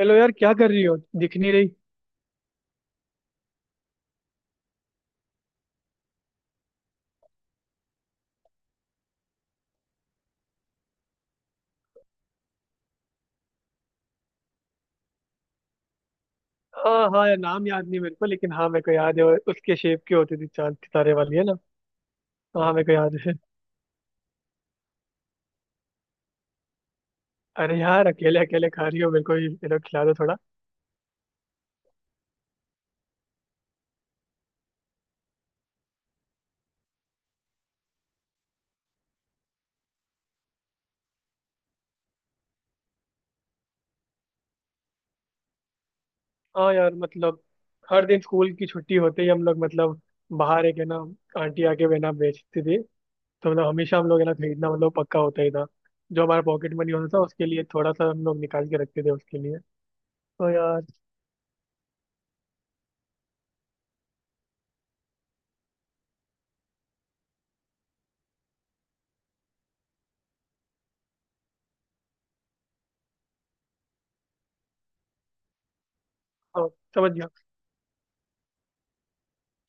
Hello यार, क्या कर रही हो, दिख नहीं रही। हाँ हाँ यार, नाम याद नहीं मेरे को, लेकिन हाँ मेरे को याद है वो उसके शेप की होती थी, चांद सितारे वाली है ना। हाँ मेरे को याद है। अरे यार, अकेले अकेले खा रही हो, मेरे को ये लोग खिला दो थोड़ा। हाँ यार मतलब हर दिन स्कूल की छुट्टी होते ही हम लोग मतलब बाहर एक है ना, आंटी आके बेना बेचती थी, तो मतलब हमेशा हम लोग है ना खरीदना मतलब पक्का होता ही था। जो हमारा पॉकेट मनी होता था उसके लिए थोड़ा सा हम लोग निकाल के रखते थे उसके लिए। तो यार। हाँ समझ गया।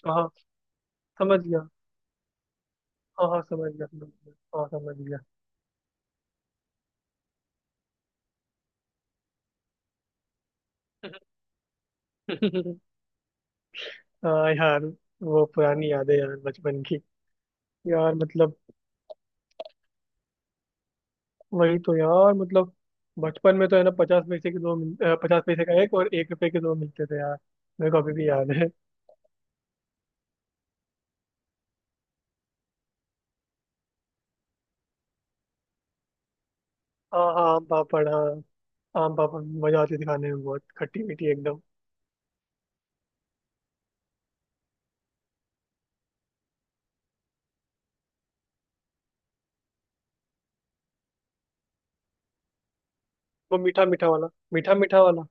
तो हाँ समझ गया। हाँ हाँ समझ गया समझ गया, हाँ समझ गया। हाँ यार, वो पुरानी यादें यार बचपन की। यार मतलब। वही तो यार मतलब। बचपन में तो है ना, 50 पैसे के दो 50 पैसे का एक और 1 रुपए के दो मिलते थे यार। मेरे को अभी भी याद है। हाँ हाँ आम पापड़, हाँ आम पापड़ मजा आती थी खाने में, बहुत खट्टी मीठी एकदम। वो मीठा मीठा वाला। मीठा मीठा वाला।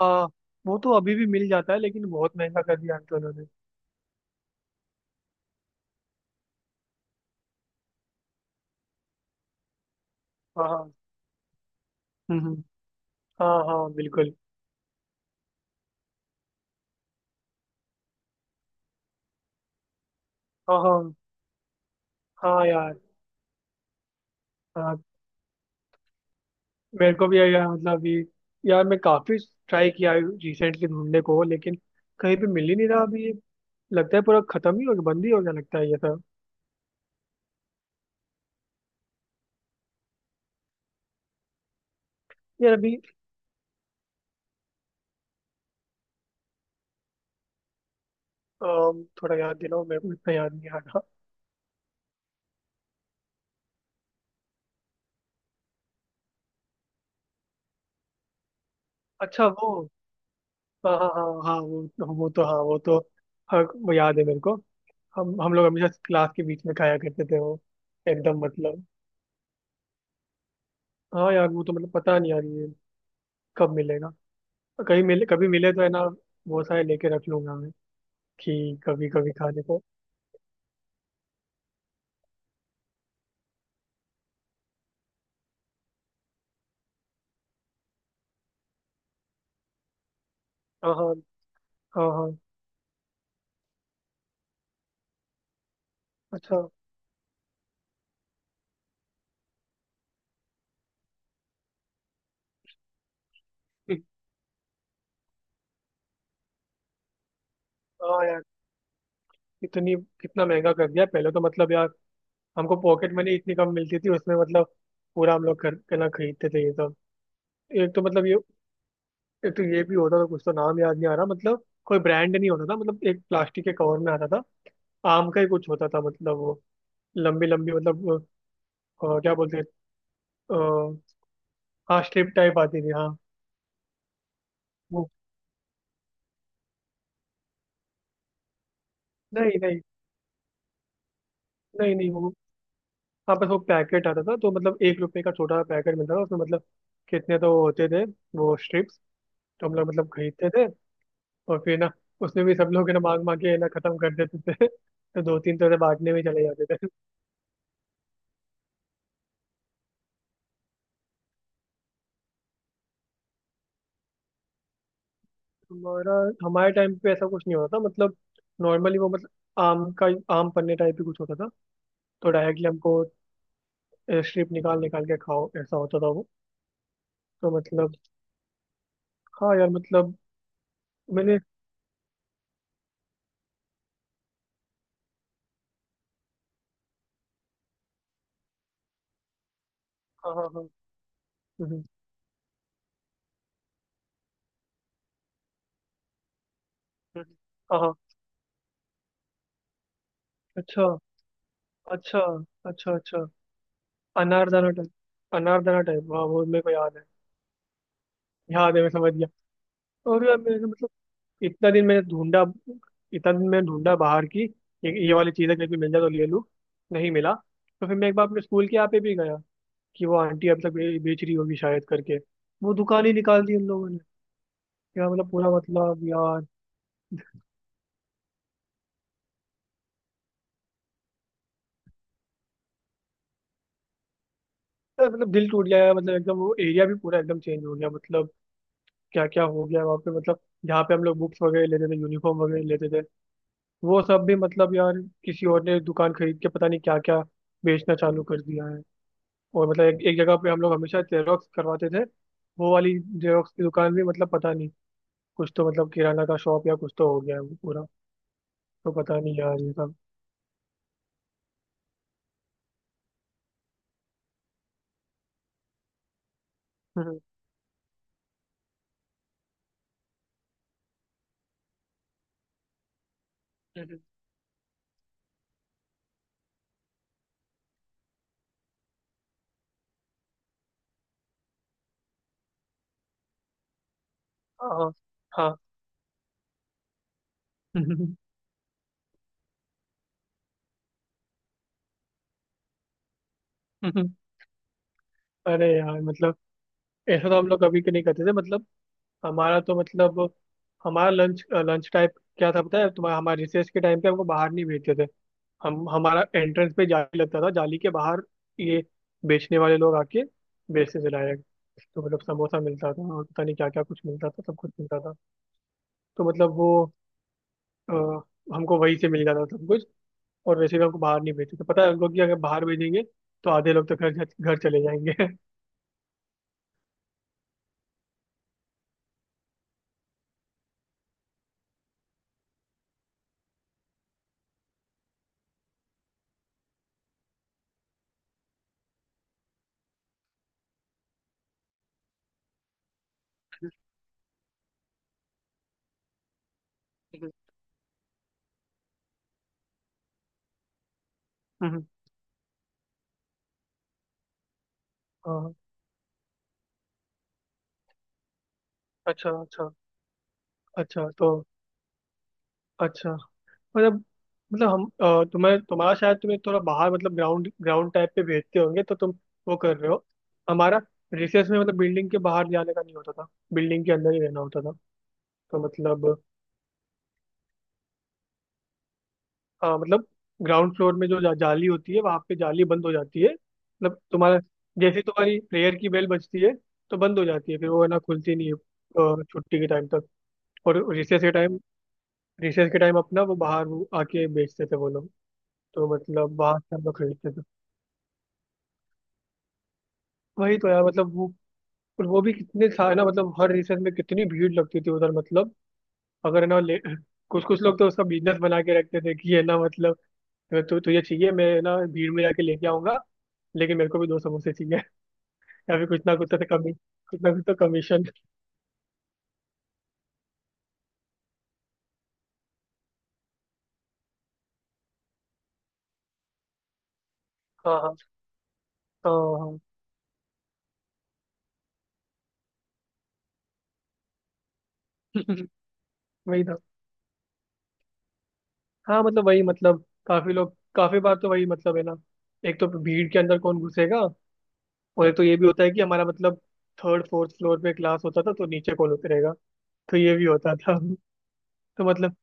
हाँ वो तो अभी भी मिल जाता है, लेकिन बहुत महंगा कर दिया अंकल उन्होंने। हाँ हाँ। हम्म। हाँ हाँ बिल्कुल। हाँ हाँ हाँ यार हाँ। मेरे को भी यार मतलब ये। यार मैं काफी ट्राई किया रिसेंटली ढूंढने को, लेकिन कहीं पे मिल ही नहीं रहा अभी ये। लगता है पूरा खत्म ही हो गया, बंद ही हो गया लगता है ये सब। यार अभी। थोड़ा याद दिलाओ मेरे को, इतना याद नहीं आ रहा। अच्छा वो। हाँ हाँ हाँ हाँ वो। वो तो हाँ वो तो। हाँ वो याद है मेरे को। हम लोग हमेशा क्लास के बीच में खाया करते थे वो। एकदम मतलब। हाँ यार वो तो मतलब, पता नहीं यार ये कब मिलेगा। कहीं मिले, कभी मिले तो है ना, बहुत सारे लेके रख लूंगा मैं। कि कभी कभी खाने को। हाँ हाँ हाँ हाँ। अच्छा। हम्म। हाँ यार। इतनी। कितना महंगा कर दिया, पहले तो मतलब यार हमको पॉकेट मनी इतनी कम मिलती थी, उसमें मतलब पूरा हम लोग कर के ना खरीदते थे ये सब। एक तो मतलब ये। एक तो ये भी होता था, कुछ तो नाम याद नहीं आ रहा, मतलब कोई ब्रांड नहीं होता था, मतलब एक प्लास्टिक के कवर में आता था। आम का ही कुछ होता था मतलब वो। लंबी लंबी मतलब। क्या बोलते हैं। अ, हाँ स्ट्रिप टाइप आती थी, हाँ वो। नहीं नहीं। नहीं नहीं वो। हाँ बस वो पैकेट आता था, तो मतलब 1 रुपए का छोटा सा पैकेट मिलता था, उसमें मतलब कितने तो वो होते थे, वो स्ट्रिप्स। तो हम लोग मतलब खरीदते थे और फिर ना उसमें भी सब लोग है ना मांग मांग के है ना खत्म कर देते थे तो दो तीन तो है ना बांटने में चले जाते थे। हमारा हमारे टाइम पे ऐसा कुछ नहीं होता था, मतलब नॉर्मली वो मतलब आम का आम पन्ने टाइप ही कुछ होता था। तो डायरेक्टली हमको स्ट्रिप निकाल निकाल के खाओ, ऐसा होता था वो। तो मतलब। हाँ यार मतलब। मैंने। हाँ हाँ हाँ। हम्म हम्म हम्म। हाँ हाँ। अच्छा अच्छा अच्छा। अच्छा। अनारदाना टाइप। अनारदाना टाइप हाँ, वो मेरे को याद है, याद है, मैं समझ गया। और यार मैंने मतलब, इतना दिन मैंने ढूंढा, इतना दिन मैंने ढूंढा बाहर की ये वाली चीज़ें कहीं पे मिल जाए तो ले लूँ। नहीं मिला तो फिर मैं एक बार अपने स्कूल के यहाँ पे भी गया, कि वो आंटी अब तक बेच रही होगी शायद करके। वो दुकान ही निकाल दी उन लोगों ने। यार मतलब पूरा मतलब यार। यार, मतलब दिल टूट गया यार, मतलब एकदम वो एरिया भी पूरा एकदम चेंज हो गया, मतलब क्या क्या हो गया वहाँ पे मतलब। जहाँ पे हम लोग बुक्स वगैरह लेते थे, यूनिफॉर्म वगैरह लेते थे, वो सब भी मतलब यार, किसी और ने दुकान खरीद के पता नहीं क्या क्या बेचना चालू कर दिया है। और मतलब एक जगह पे हम लोग हमेशा जेरोक्स करवाते थे, वो वाली जेरोक्स की दुकान भी मतलब पता नहीं कुछ तो मतलब किराना का शॉप या कुछ तो हो गया है वो पूरा। तो पता नहीं यार ये सब। हम्म हम्म। हाँ हाँ। अरे यार मतलब ऐसा तो हम लोग कभी के नहीं करते थे, मतलब हमारा तो मतलब हमारा लंच लंच टाइप क्या था पता है तुम्हारा। हमारे रिसेस के टाइम पे हमको बाहर नहीं भेजते थे। हम हमारा एंट्रेंस पे जाली लगता था, जाली के बाहर ये बेचने वाले लोग आके बेचते थे डायरेक्ट। तो मतलब समोसा मिलता था और पता नहीं क्या क्या कुछ मिलता था, सब कुछ मिलता था। तो मतलब वो। अ, हमको वहीं से मिल जाता था सब कुछ। और वैसे भी हमको बाहर नहीं भेजते थे, पता है उनको कि अगर बाहर भेजेंगे तो आधे लोग तो घर घर चले जाएंगे। हम्म। हाँ हाँ। अच्छा अच्छा अच्छा। तो अच्छा मतलब मतलब हम। तुम्हें तुम्हारा शायद तुम्हें थोड़ा बाहर मतलब ग्राउंड ग्राउंड टाइप पे भेजते होंगे, तो तुम वो कर रहे हो। हमारा रिसेस में मतलब बिल्डिंग के बाहर जाने का नहीं होता था, बिल्डिंग के अंदर ही रहना होता था। तो मतलब। हाँ मतलब ग्राउंड फ्लोर में जो जाली होती है वहाँ पे जाली बंद हो जाती है, मतलब तुम्हारा जैसे ही तुम्हारी प्रेयर की बेल बजती है तो बंद हो जाती है फिर वो है ना, खुलती नहीं है छुट्टी के टाइम तक। और रिसेस के टाइम अपना वो बाहर वो आके बेचते थे वो लोग। तो मतलब बाहर से हम लोग खरीदते थे। वही तो यार मतलब वो। और वो भी कितने था ना, मतलब हर रिसर्च में कितनी भीड़ लगती थी उधर, मतलब अगर है ना ले कुछ कुछ लोग तो उसका बिजनेस बना के रखते थे, कि ये ना मतलब मैं तो तुझे चाहिए मैं ना भीड़ में जाके लेके आऊंगा, लेकिन मेरे को भी दो समोसे चाहिए या फिर कुछ ना कुछ तो कमीशन। हाँ हाँ हाँ हाँ वही था। हाँ मतलब वही मतलब काफी लोग काफी बार तो वही मतलब है ना, एक तो भीड़ के अंदर कौन घुसेगा। और एक तो ये भी होता है कि हमारा मतलब थर्ड फोर्थ फ्लोर पे क्लास होता था तो नीचे कौन उतरेगा। तो ये भी होता था। तो मतलब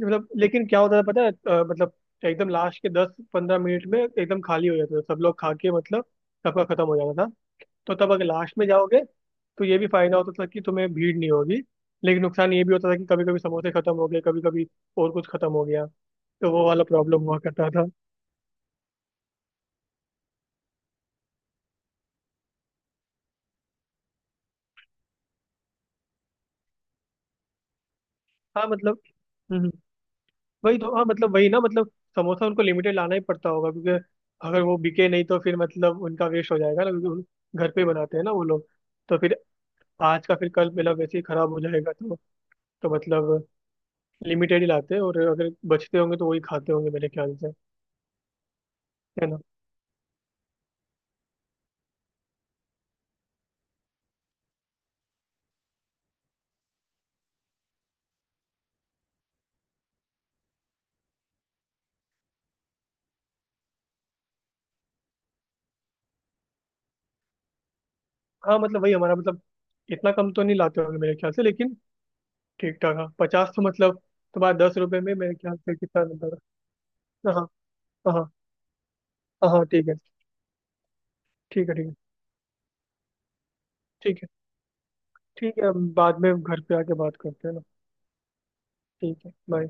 मतलब लेकिन क्या होता था पता है। मतलब एकदम लास्ट के 10-15 मिनट में एकदम खाली हो जाता था, सब लोग खा के मतलब सबका खत्म हो जाता था। तो तब अगर लास्ट में जाओगे तो ये भी फायदा होता था कि तुम्हें भीड़ नहीं होगी। लेकिन नुकसान ये भी होता था कि कभी कभी समोसे खत्म हो गए, कभी कभी और कुछ खत्म हो गया, तो वो वाला प्रॉब्लम हुआ करता था। हाँ मतलब। हम्म हम्म। वही तो हाँ मतलब वही ना मतलब समोसा उनको लिमिटेड लाना ही पड़ता होगा, क्योंकि अगर वो बिके नहीं तो फिर मतलब उनका वेस्ट हो जाएगा ना, क्योंकि घर पे ही बनाते हैं ना वो लोग। तो फिर आज का फिर कल मेरा वैसे ही खराब हो जाएगा, तो मतलब लिमिटेड ही लाते हैं और अगर बचते होंगे तो वही खाते होंगे मेरे ख्याल से। है ना। हाँ मतलब वही हमारा मतलब इतना कम तो नहीं लाते होंगे मेरे ख्याल से, लेकिन ठीक ठाक, हाँ 50 तो मतलब तुम्हारा 10 रुपये में मेरे ख्याल से कितना बनता था। हाँ हाँ हाँ हाँ हाँ, ठीक है। ठीक है। ठीक है। ठीक है। ठीक है हम बाद में घर पे आके बात करते हैं ना। ठीक है बाय।